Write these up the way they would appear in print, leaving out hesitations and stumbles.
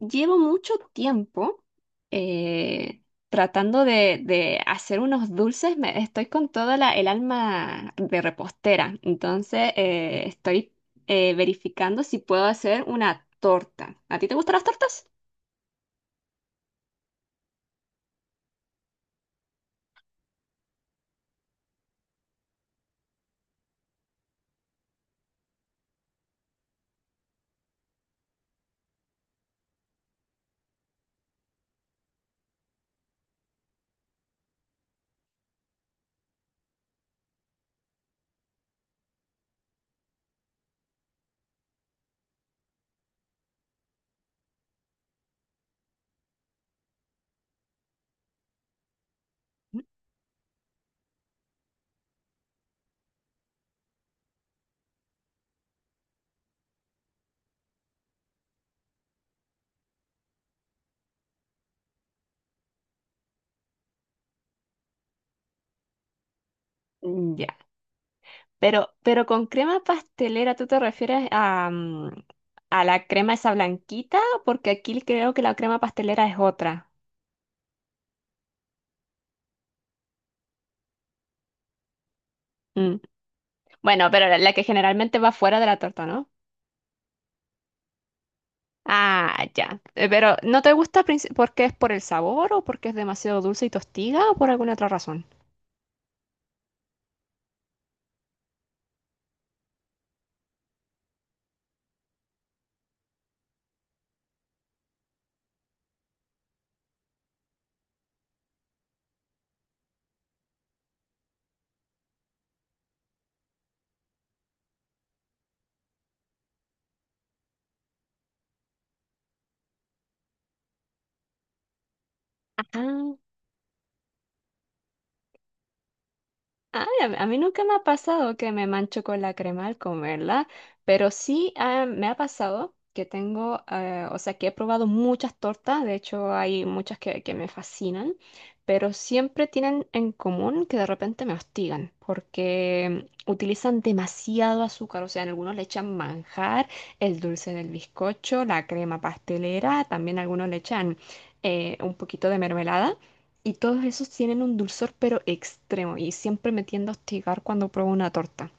Llevo mucho tiempo eh, tratando de hacer unos dulces. Estoy con toda el alma de repostera. Entonces, estoy verificando si puedo hacer una torta. ¿A ti te gustan las tortas? Mm, ya. Pero con crema pastelera, ¿tú te refieres a, a la crema esa blanquita? Porque aquí creo que la crema pastelera es otra. Mm. Bueno, pero la que generalmente va fuera de la torta, ¿no? Ah, ya. Pero ¿no te gusta porque es por el sabor o porque es demasiado dulce y tostiga o por alguna otra razón? Ay, a mí nunca me ha pasado que me mancho con la crema al comerla, pero sí me ha pasado que tengo, o sea, que he probado muchas tortas, de hecho hay muchas que me fascinan, pero siempre tienen en común que de repente me hostigan porque utilizan demasiado azúcar, o sea, en algunos le echan manjar, el dulce del bizcocho, la crema pastelera, también algunos le echan un poquito de mermelada. Y todos esos tienen un dulzor pero extremo y siempre me tiendo a hostigar cuando pruebo una torta.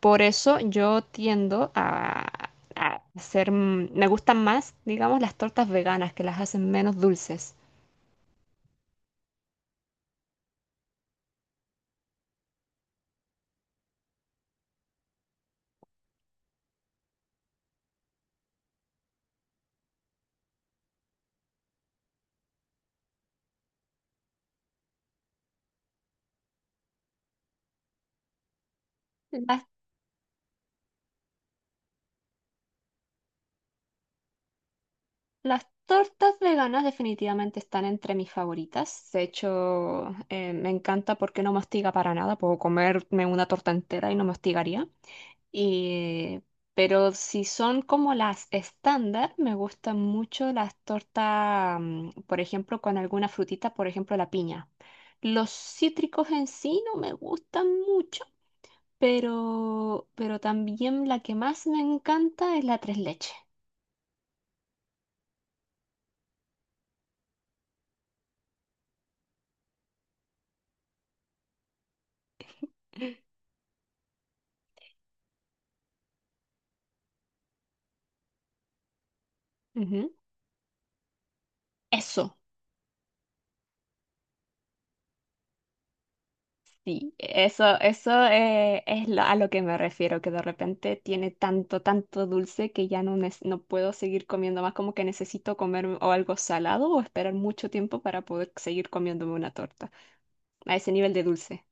Por eso yo tiendo a hacer, mm, me gustan más, digamos, las tortas veganas que las hacen menos dulces. Las, las tortas veganas definitivamente están entre mis favoritas. De hecho, me encanta porque no me hostiga para nada. Puedo comerme una torta entera y no me hostigaría. Y, pero si son como las estándar, me gustan mucho las tortas, mm, por ejemplo, con alguna frutita, por ejemplo, la piña. Los cítricos en sí no me gustan mucho, pero también la que más me encanta es la tres leches. Ujú. Eso. Sí, eso es a lo que me refiero, que de repente tiene tanto, tanto dulce que ya no, no puedo seguir comiendo más, como que necesito comer o algo salado o esperar mucho tiempo para poder seguir comiéndome una torta, a ese nivel de dulce.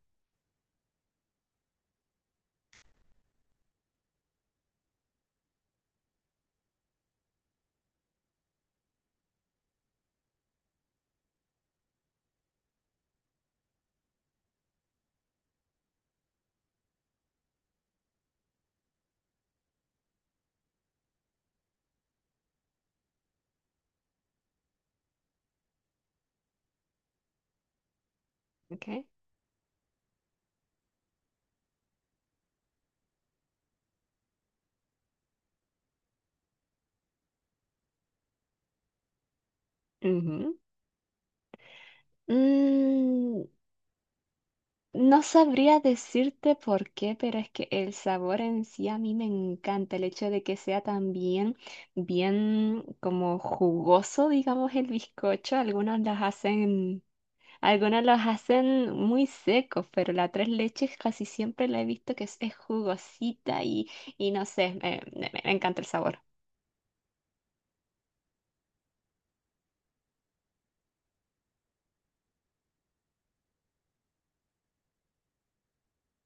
Okay. Ujú. Mm, no sabría decirte por qué, pero es que el sabor en sí a mí me encanta. El hecho de que sea también bien como jugoso, digamos, el bizcocho. Algunos las hacen. Algunos los hacen muy secos, pero la tres leches casi siempre la he visto que es jugosita y no sé, me encanta el sabor.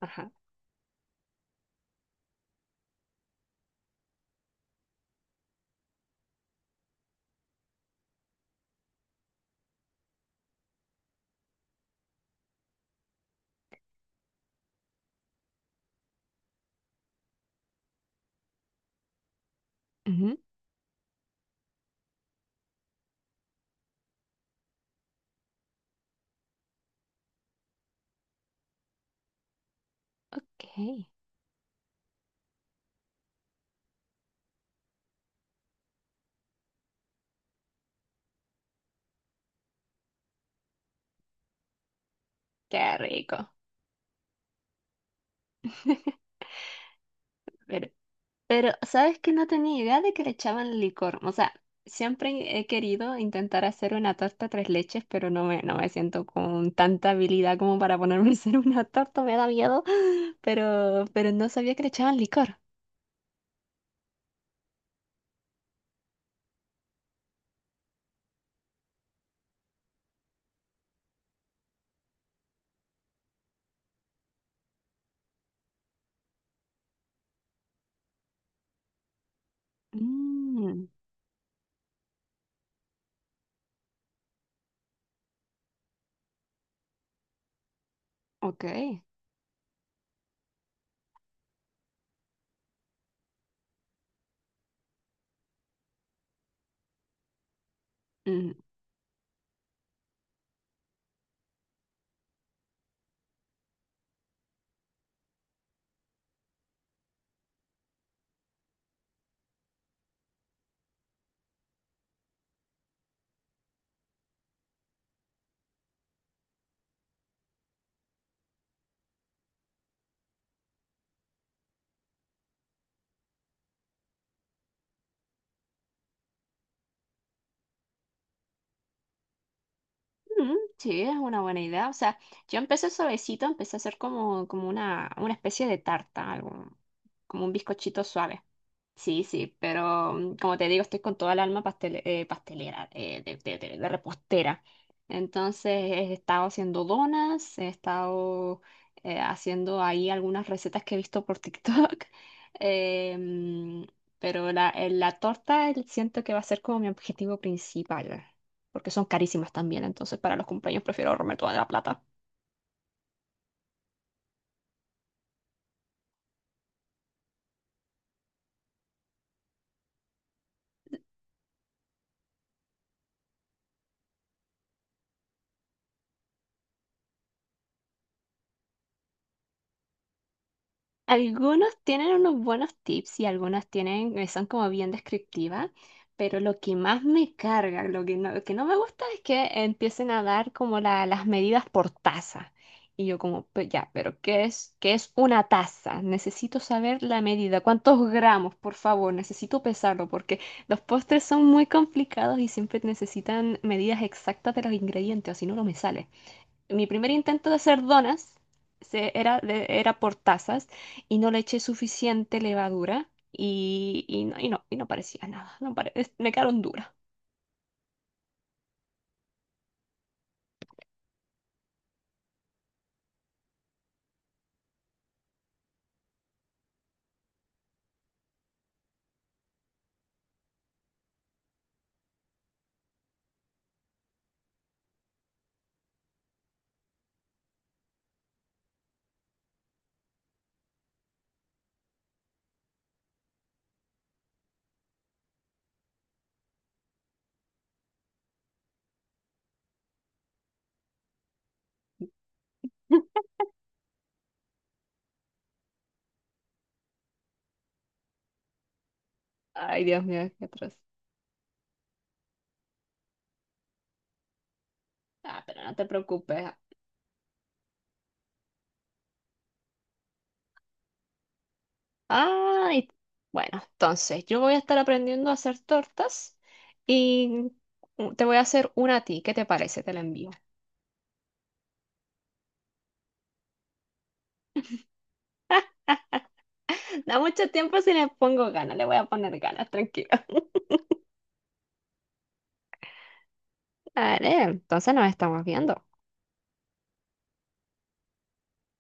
Ajá. Ujú. Ok. Qué rico. Pero, pero, ¿sabes que no tenía idea de que le echaban licor? O sea, siempre he querido intentar hacer una torta tres leches, pero no me siento con tanta habilidad como para ponerme a hacer una torta, me da miedo. Pero no sabía que le echaban licor. Mm, ok. Mm, sí, es una buena idea. O sea, yo empecé suavecito, empecé a hacer como, una especie de tarta, algo, como un bizcochito suave. Sí, sí, pero mm, como te digo, estoy con toda el alma pastelera, de repostera. Entonces he estado haciendo donas, he estado haciendo ahí algunas recetas que he visto por TikTok, eh, mm, pero la torta siento que va a ser como mi objetivo principal, porque son carísimas también, entonces para los cumpleaños prefiero ahorrarme toda la plata. Algunos tienen unos buenos tips y algunas tienen, son como bien descriptivas, pero lo que más me carga, lo que no me gusta es que empiecen a dar como las medidas por taza. Y yo como, ya, pero qué es una taza? Necesito saber la medida, cuántos gramos, por favor, necesito pesarlo porque los postres son muy complicados y siempre necesitan medidas exactas de los ingredientes, o si no, no me sale. Mi primer intento de hacer donas era por tazas y no le eché suficiente levadura y, y no parecía nada. No pare- es- Me quedaron duras. Ay, Dios mío, qué atroz. Ah, pero no te preocupes. Ay, bueno, entonces yo voy a estar aprendiendo a hacer tortas y te voy a hacer una a ti. ¿Qué te parece? Te la envío. Da mucho tiempo si le pongo ganas, le voy a poner ganas, tranquilo. Vale, entonces nos estamos viendo.